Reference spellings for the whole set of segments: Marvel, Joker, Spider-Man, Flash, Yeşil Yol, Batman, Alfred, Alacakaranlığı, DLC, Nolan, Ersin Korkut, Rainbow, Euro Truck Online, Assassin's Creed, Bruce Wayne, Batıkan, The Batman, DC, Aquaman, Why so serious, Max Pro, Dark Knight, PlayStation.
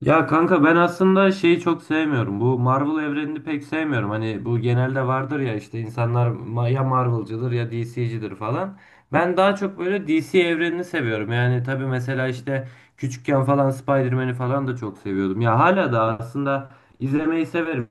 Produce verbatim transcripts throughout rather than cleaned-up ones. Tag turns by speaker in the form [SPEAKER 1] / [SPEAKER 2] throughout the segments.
[SPEAKER 1] Ya kanka ben aslında şeyi çok sevmiyorum. Bu Marvel evrenini pek sevmiyorum. Hani bu genelde vardır ya işte insanlar ma- ya Marvel'cıdır ya D C'cidir falan. Ben daha çok böyle D C evrenini seviyorum. Yani tabii mesela işte küçükken falan Spider-Man'i falan da çok seviyordum. Ya hala da aslında izlemeyi severim.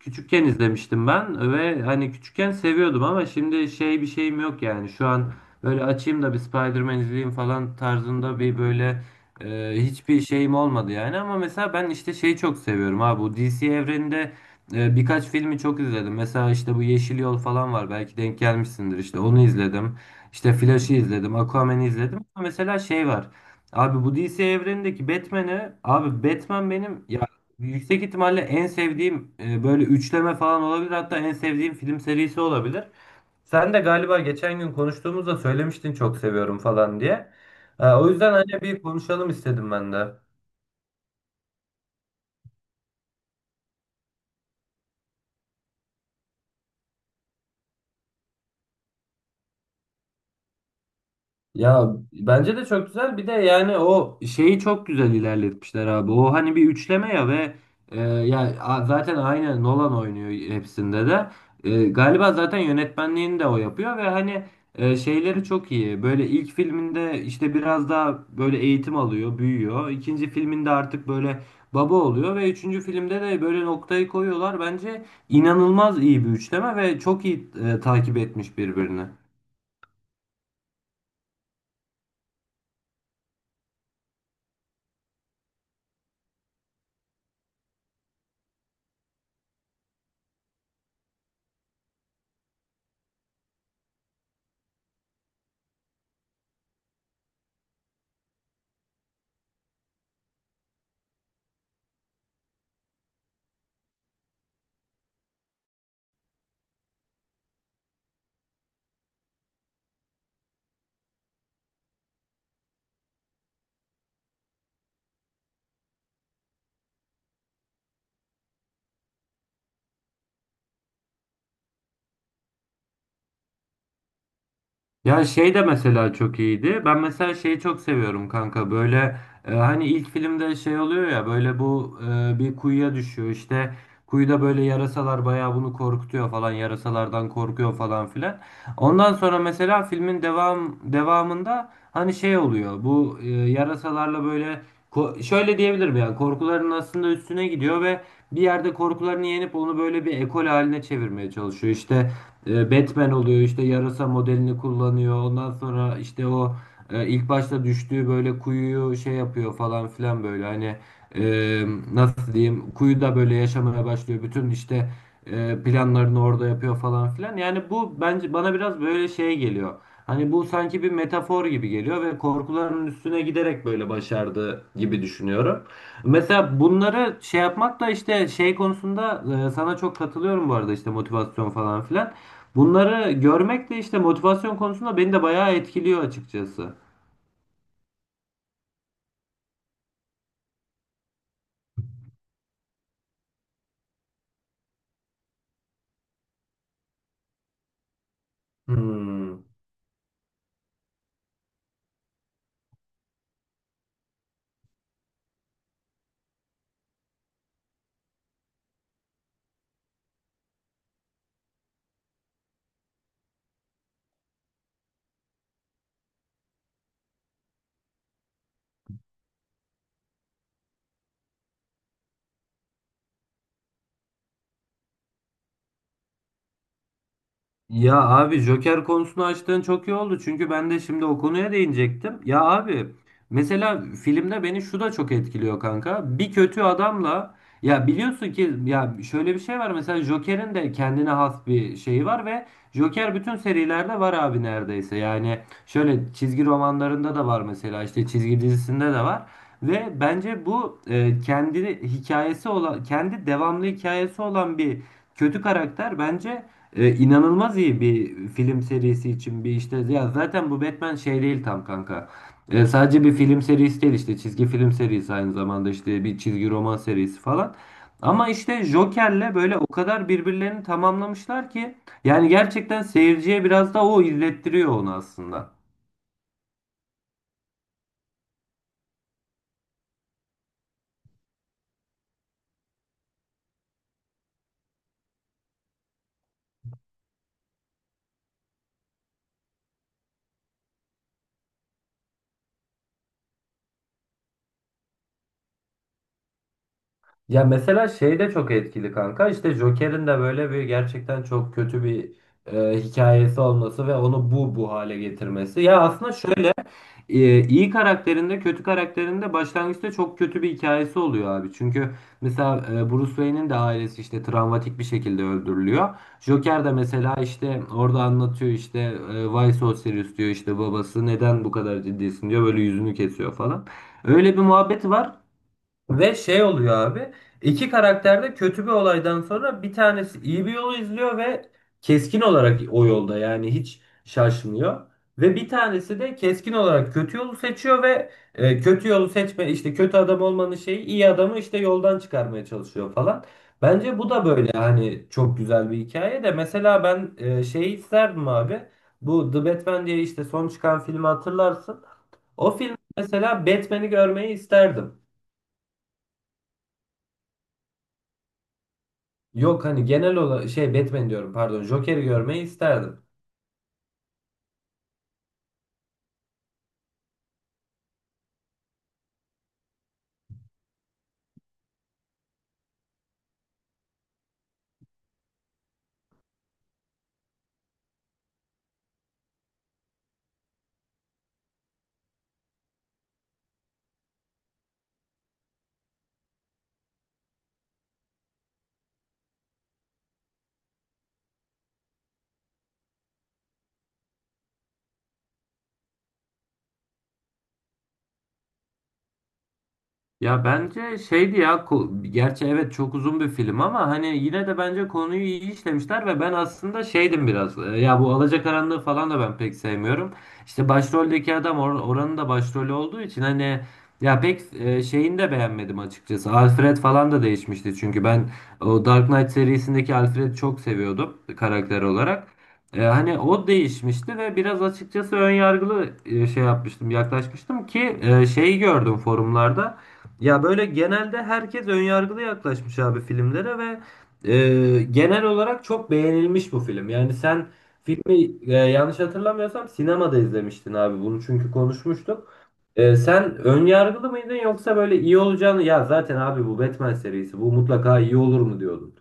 [SPEAKER 1] Küçükken izlemiştim ben ve hani küçükken seviyordum ama şimdi şey bir şeyim yok yani. Şu an böyle açayım da bir Spider-Man izleyeyim falan tarzında bir böyle e, hiçbir şeyim olmadı yani. Ama mesela ben işte şeyi çok seviyorum abi bu D C evreninde e, birkaç filmi çok izledim. Mesela işte bu Yeşil Yol falan var, belki denk gelmişsindir, işte onu izledim. İşte Flash'ı izledim, Aquaman'ı izledim. Ama mesela şey var. Abi bu D C evrenindeki Batman'ı, abi Batman benim ya yüksek ihtimalle en sevdiğim e, böyle üçleme falan olabilir. Hatta en sevdiğim film serisi olabilir. Sen de galiba geçen gün konuştuğumuzda söylemiştin çok seviyorum falan diye. E, O yüzden hani bir konuşalım istedim ben de. Ya bence de çok güzel. Bir de yani o şeyi çok güzel ilerletmişler abi. O hani bir üçleme ya ve e, ya a- zaten aynı Nolan oynuyor hepsinde de. E, galiba zaten yönetmenliğini de o yapıyor ve hani e, şeyleri çok iyi. Böyle ilk filminde işte biraz daha böyle eğitim alıyor, büyüyor. İkinci filminde artık böyle baba oluyor ve üçüncü filmde de böyle noktayı koyuyorlar. Bence inanılmaz iyi bir üçleme ve çok iyi e, takip etmiş birbirini. Ya şey de mesela çok iyiydi. Ben mesela şeyi çok seviyorum kanka. Böyle e, hani ilk filmde şey oluyor ya böyle bu e, bir kuyuya düşüyor. İşte kuyuda böyle yarasalar bayağı bunu korkutuyor falan. Yarasalardan korkuyor falan filan. Ondan sonra mesela filmin devam devamında hani şey oluyor. Bu e, yarasalarla böyle ko- şöyle diyebilirim yani korkuların aslında üstüne gidiyor ve bir yerde korkularını yenip onu böyle bir ekol haline çevirmeye çalışıyor. İşte e, Batman oluyor, işte yarasa modelini kullanıyor, ondan sonra işte o e, ilk başta düştüğü böyle kuyuyu şey yapıyor falan filan, böyle hani e, nasıl diyeyim kuyuda böyle yaşamaya başlıyor, bütün işte e, planlarını orada yapıyor falan filan. Yani bu bence bana biraz böyle şey geliyor, hani bu sanki bir metafor gibi geliyor ve korkularının üstüne giderek böyle başardı gibi düşünüyorum. Mesela bunları şey yapmak da işte şey konusunda e, sana çok katılıyorum bu arada, işte motivasyon falan filan. Bunları görmek de işte motivasyon konusunda beni de bayağı etkiliyor açıkçası. Hmm. Ya abi Joker konusunu açtığın çok iyi oldu. Çünkü ben de şimdi o konuya değinecektim. Ya abi mesela filmde beni şu da çok etkiliyor kanka. Bir kötü adamla ya biliyorsun ki, ya şöyle bir şey var mesela, Joker'in de kendine has bir şeyi var ve Joker bütün serilerde var abi, neredeyse. Yani şöyle çizgi romanlarında da var, mesela işte çizgi dizisinde de var. Ve bence bu e, kendi hikayesi olan, kendi devamlı hikayesi olan bir kötü karakter bence e, inanılmaz iyi bir film serisi için bir işte. Ya zaten bu Batman şey değil tam kanka. E, sadece bir film serisi değil, işte çizgi film serisi aynı zamanda, işte bir çizgi roman serisi falan. Ama işte Joker'le böyle o kadar birbirlerini tamamlamışlar ki yani gerçekten seyirciye biraz da o izlettiriyor onu aslında. Ya mesela şey de çok etkili kanka. İşte Joker'in de böyle bir gerçekten çok kötü bir e, hikayesi olması ve onu bu bu hale getirmesi. Ya aslında şöyle e, iyi karakterinde, kötü karakterinde başlangıçta çok kötü bir hikayesi oluyor abi. Çünkü mesela e, Bruce Wayne'in de ailesi işte travmatik bir şekilde öldürülüyor. Joker de mesela işte orada anlatıyor, işte e, Why so serious diyor, işte babası neden bu kadar ciddisin diyor, böyle yüzünü kesiyor falan. Öyle bir muhabbeti var. Ve şey oluyor abi. İki karakter de kötü bir olaydan sonra bir tanesi iyi bir yolu izliyor ve keskin olarak o yolda yani hiç şaşmıyor. Ve bir tanesi de keskin olarak kötü yolu seçiyor ve e, kötü yolu seçme işte, kötü adam olmanın şeyi iyi adamı işte yoldan çıkarmaya çalışıyor falan. Bence bu da böyle hani çok güzel bir hikaye. De mesela ben e, şeyi isterdim abi. Bu The Batman diye işte son çıkan filmi hatırlarsın. O film mesela Batman'i görmeyi isterdim. Yok hani genel olarak şey Batman diyorum, pardon, Joker'i görmeyi isterdim. Ya bence şeydi ya ko- gerçi evet çok uzun bir film ama hani yine de bence konuyu iyi işlemişler ve ben aslında şeydim biraz, e, ya bu Alacakaranlığı falan da ben pek sevmiyorum. İşte başroldeki adam or- oranın da başrolü olduğu için hani ya pek e, şeyini de beğenmedim açıkçası. Alfred falan da değişmişti, çünkü ben o Dark Knight serisindeki Alfred'i çok seviyordum karakter olarak. E, hani o değişmişti ve biraz açıkçası ön yargılı e, şey yapmıştım yaklaşmıştım ki e, şeyi gördüm forumlarda. Ya böyle genelde herkes önyargılı yaklaşmış abi filmlere ve e, genel olarak çok beğenilmiş bu film. Yani sen filmi, e, yanlış hatırlamıyorsam sinemada izlemiştin abi bunu çünkü konuşmuştuk. E, sen önyargılı mıydın yoksa böyle iyi olacağını, ya zaten abi bu Batman serisi bu mutlaka iyi olur mu diyordun?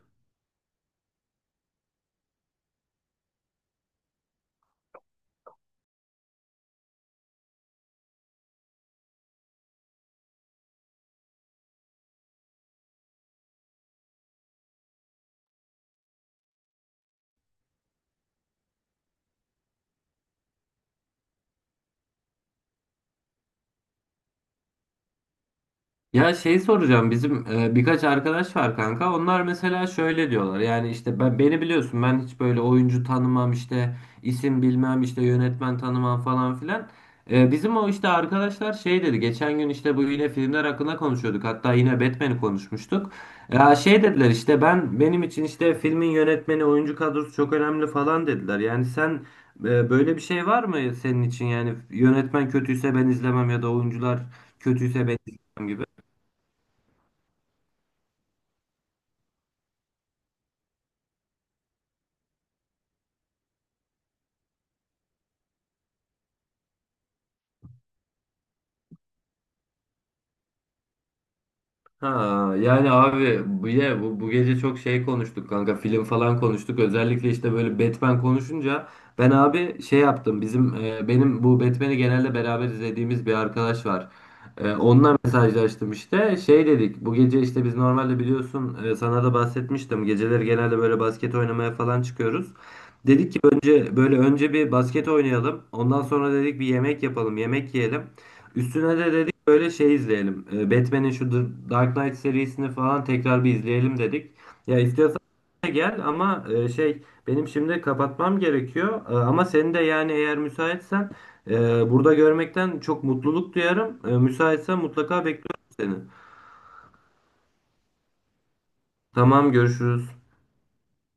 [SPEAKER 1] Ya şey soracağım, bizim e, birkaç arkadaş var kanka. Onlar mesela şöyle diyorlar. Yani işte ben beni biliyorsun, ben hiç böyle oyuncu tanımam, işte isim bilmem, işte yönetmen tanımam falan filan. E, bizim o işte arkadaşlar şey dedi. Geçen gün işte bu yine filmler hakkında konuşuyorduk. Hatta yine Batman'i konuşmuştuk. Ya şey dediler işte, ben benim için işte filmin yönetmeni, oyuncu kadrosu çok önemli falan dediler. Yani sen e, böyle bir şey var mı senin için? Yani yönetmen kötüyse ben izlemem ya da oyuncular kötüyse ben izlemem gibi. Ha, yani abi bu, ye- bu, bu gece çok şey konuştuk kanka, film falan konuştuk, özellikle işte böyle Batman konuşunca ben abi şey yaptım, bizim e, benim bu Batman'i genelde beraber izlediğimiz bir arkadaş var, e, onunla mesajlaştım. İşte şey dedik, bu gece işte biz normalde biliyorsun, e, sana da bahsetmiştim, geceleri genelde böyle basket oynamaya falan çıkıyoruz, dedik ki önce böyle önce bir basket oynayalım, ondan sonra dedik bir yemek yapalım, yemek yiyelim. Üstüne de dedik böyle şey izleyelim. Ee, Batman'in şu The Dark Knight serisini falan tekrar bir izleyelim dedik. Ya istiyorsan da gel ama e, şey benim şimdi kapatmam gerekiyor. E, ama seni de yani eğer müsaitsen e, burada görmekten çok mutluluk duyarım. E, müsaitsen mutlaka bekliyorum seni. Tamam, görüşürüz.